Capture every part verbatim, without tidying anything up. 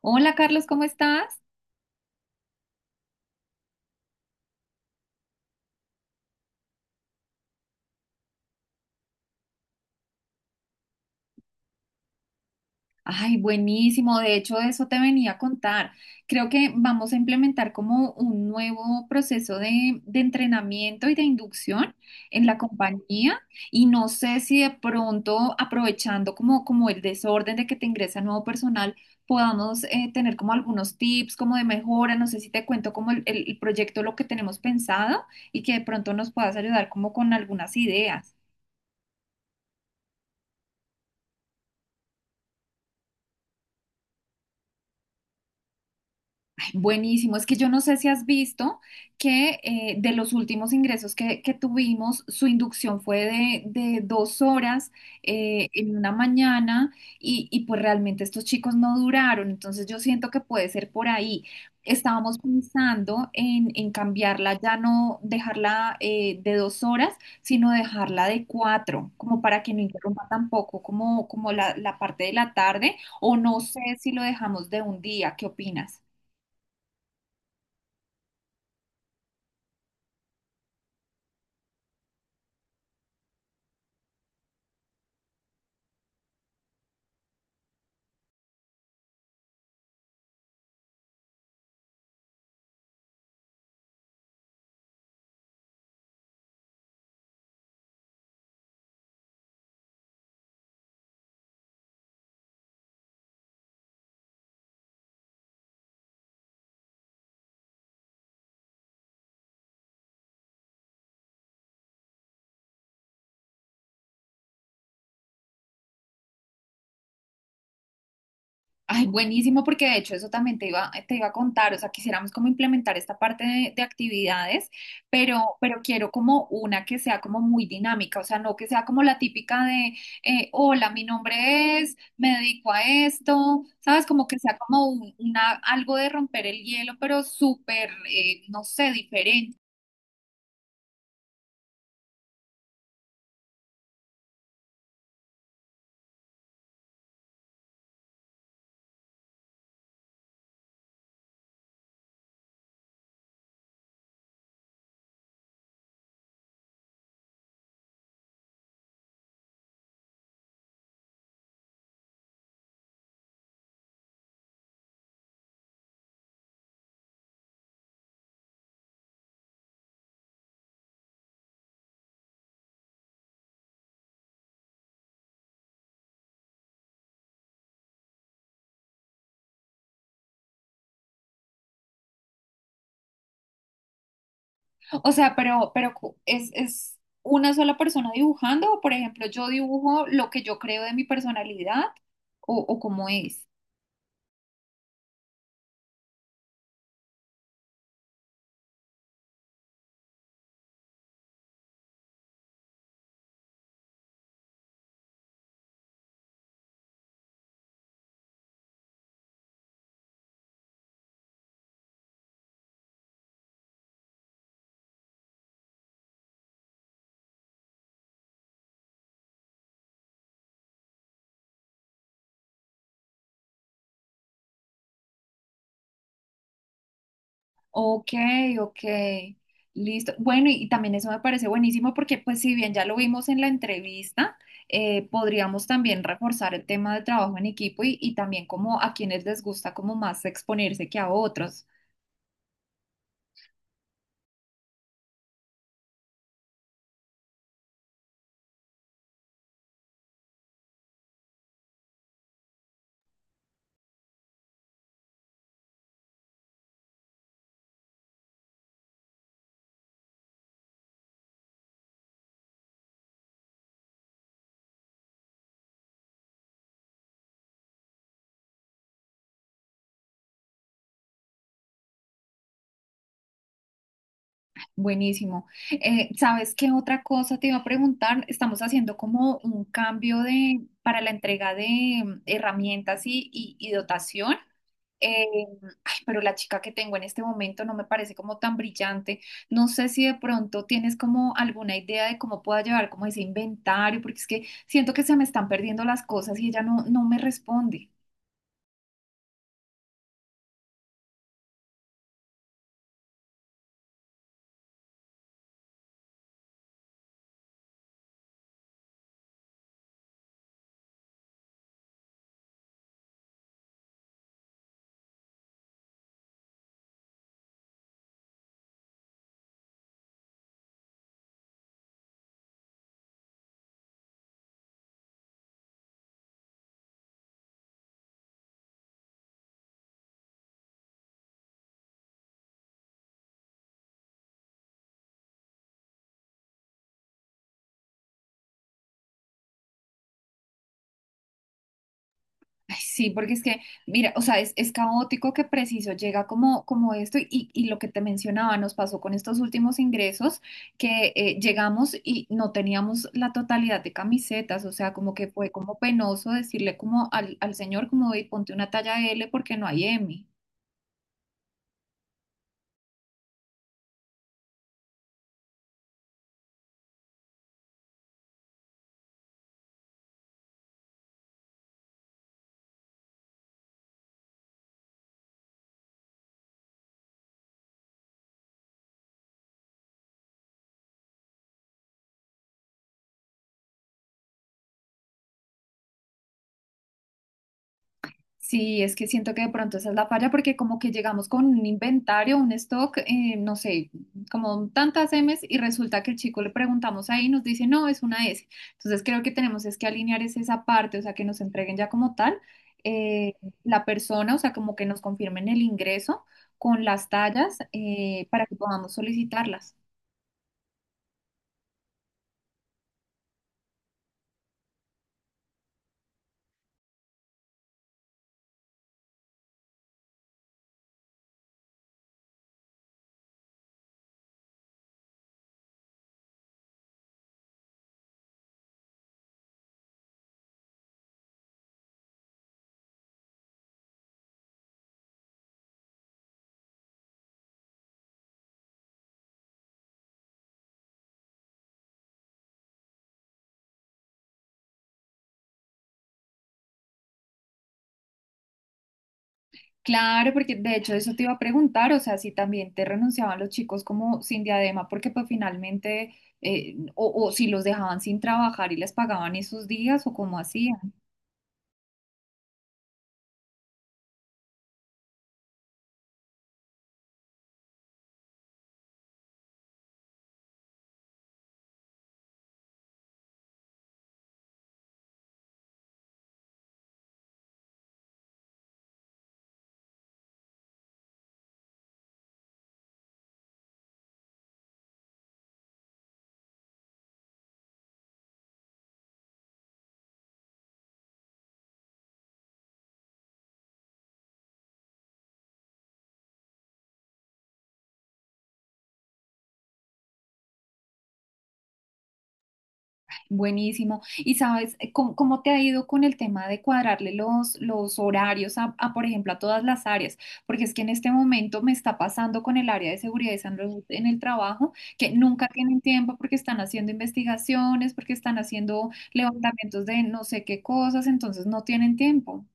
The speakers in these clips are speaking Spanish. Hola Carlos, ¿cómo estás? Ay, buenísimo. De hecho, eso te venía a contar. Creo que vamos a implementar como un nuevo proceso de, de entrenamiento y de inducción en la compañía y no sé si de pronto aprovechando como, como el desorden de que te ingresa nuevo personal, podamos eh, tener como algunos tips como de mejora. No sé si te cuento como el, el el proyecto, lo que tenemos pensado y que de pronto nos puedas ayudar como con algunas ideas. Buenísimo, es que yo no sé si has visto que eh, de los últimos ingresos que, que tuvimos, su inducción fue de, de dos horas eh, en una mañana y, y pues realmente estos chicos no duraron, entonces yo siento que puede ser por ahí. Estábamos pensando en, en cambiarla, ya no dejarla eh, de dos horas, sino dejarla de cuatro, como para que no interrumpa tampoco como, como la, la parte de la tarde, o no sé si lo dejamos de un día, ¿qué opinas? Ay, buenísimo, porque de hecho eso también te iba, te iba a contar, o sea, quisiéramos como implementar esta parte de, de actividades, pero, pero quiero como una que sea como muy dinámica, o sea, no que sea como la típica de, eh, hola, mi nombre es, me dedico a esto, ¿sabes? Como que sea como un- una, algo de romper el hielo, pero súper, eh, no sé, diferente. O sea, pero, pero cu- es, es una sola persona dibujando, o por ejemplo, yo dibujo lo que yo creo de mi personalidad, o, o cómo es. Ok, ok, listo. Bueno, y, y también eso me parece buenísimo porque pues si bien ya lo vimos en la entrevista, eh, podríamos también reforzar el tema del trabajo en equipo y, y también como a quienes les gusta como más exponerse que a otros. Buenísimo. Eh, ¿Sabes qué otra cosa te iba a preguntar? Estamos haciendo como un cambio de, para la entrega de mm, herramientas y, y y dotación. eh, Ay, pero la chica que tengo en este momento no me parece como tan brillante. No sé si de pronto tienes como alguna idea de cómo pueda llevar como ese inventario, porque es que siento que se me están perdiendo las cosas y ella no, no me responde. Ay, sí, porque es que, mira, o sea, es, es caótico que preciso llega como, como esto y, y lo que te mencionaba nos pasó con estos últimos ingresos que eh, llegamos y no teníamos la totalidad de camisetas, o sea, como que fue como penoso decirle como al, al señor como, "Ey, ponte una talla L porque no hay M". Sí, es que siento que de pronto esa es la falla porque como que llegamos con un inventario, un stock, eh, no sé, como tantas M's y resulta que el chico le preguntamos ahí y nos dice, no, es una S. Entonces creo que tenemos es que alinear es esa parte, o sea, que nos entreguen ya como tal eh, la persona, o sea, como que nos confirmen el ingreso con las tallas eh, para que podamos solicitarlas. Claro, porque de hecho eso te iba a preguntar, o sea, si también te renunciaban los chicos como sin diadema, porque pues finalmente, eh, o, o si los dejaban sin trabajar y les pagaban esos días, o cómo hacían. Buenísimo. ¿Y sabes eh, cómo, cómo te ha ido con el tema de cuadrarle los, los horarios a, a, por ejemplo, a todas las áreas? Porque es que en este momento me está pasando con el área de seguridad y salud en el trabajo, que nunca tienen tiempo porque están haciendo investigaciones, porque están haciendo levantamientos de no sé qué cosas, entonces no tienen tiempo.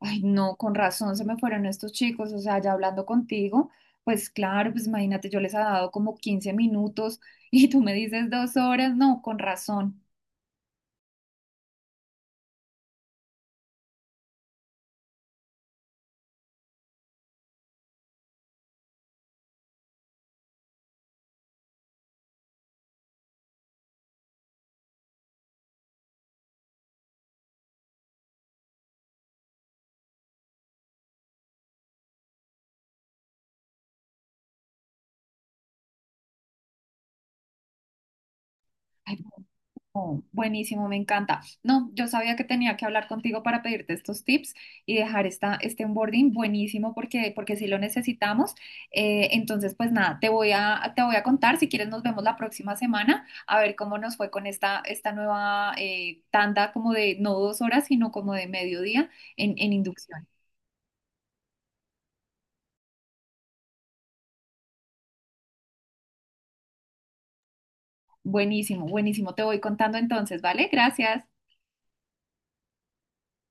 Ay, no, con razón se me fueron estos chicos, o sea, ya hablando contigo, pues claro, pues imagínate, yo les he dado como quince minutos y tú me dices dos horas, no, con razón. Ay, oh, buenísimo, me encanta. No, yo sabía que tenía que hablar contigo para pedirte estos tips y dejar esta, este onboarding buenísimo porque, porque sí lo necesitamos. Eh, entonces, pues nada, te voy a, te voy a contar. Si quieres, nos vemos la próxima semana a ver cómo nos fue con esta, esta nueva eh, tanda como de no dos horas, sino como de mediodía en, en inducción. Buenísimo, buenísimo. Te voy contando entonces, ¿vale? Gracias.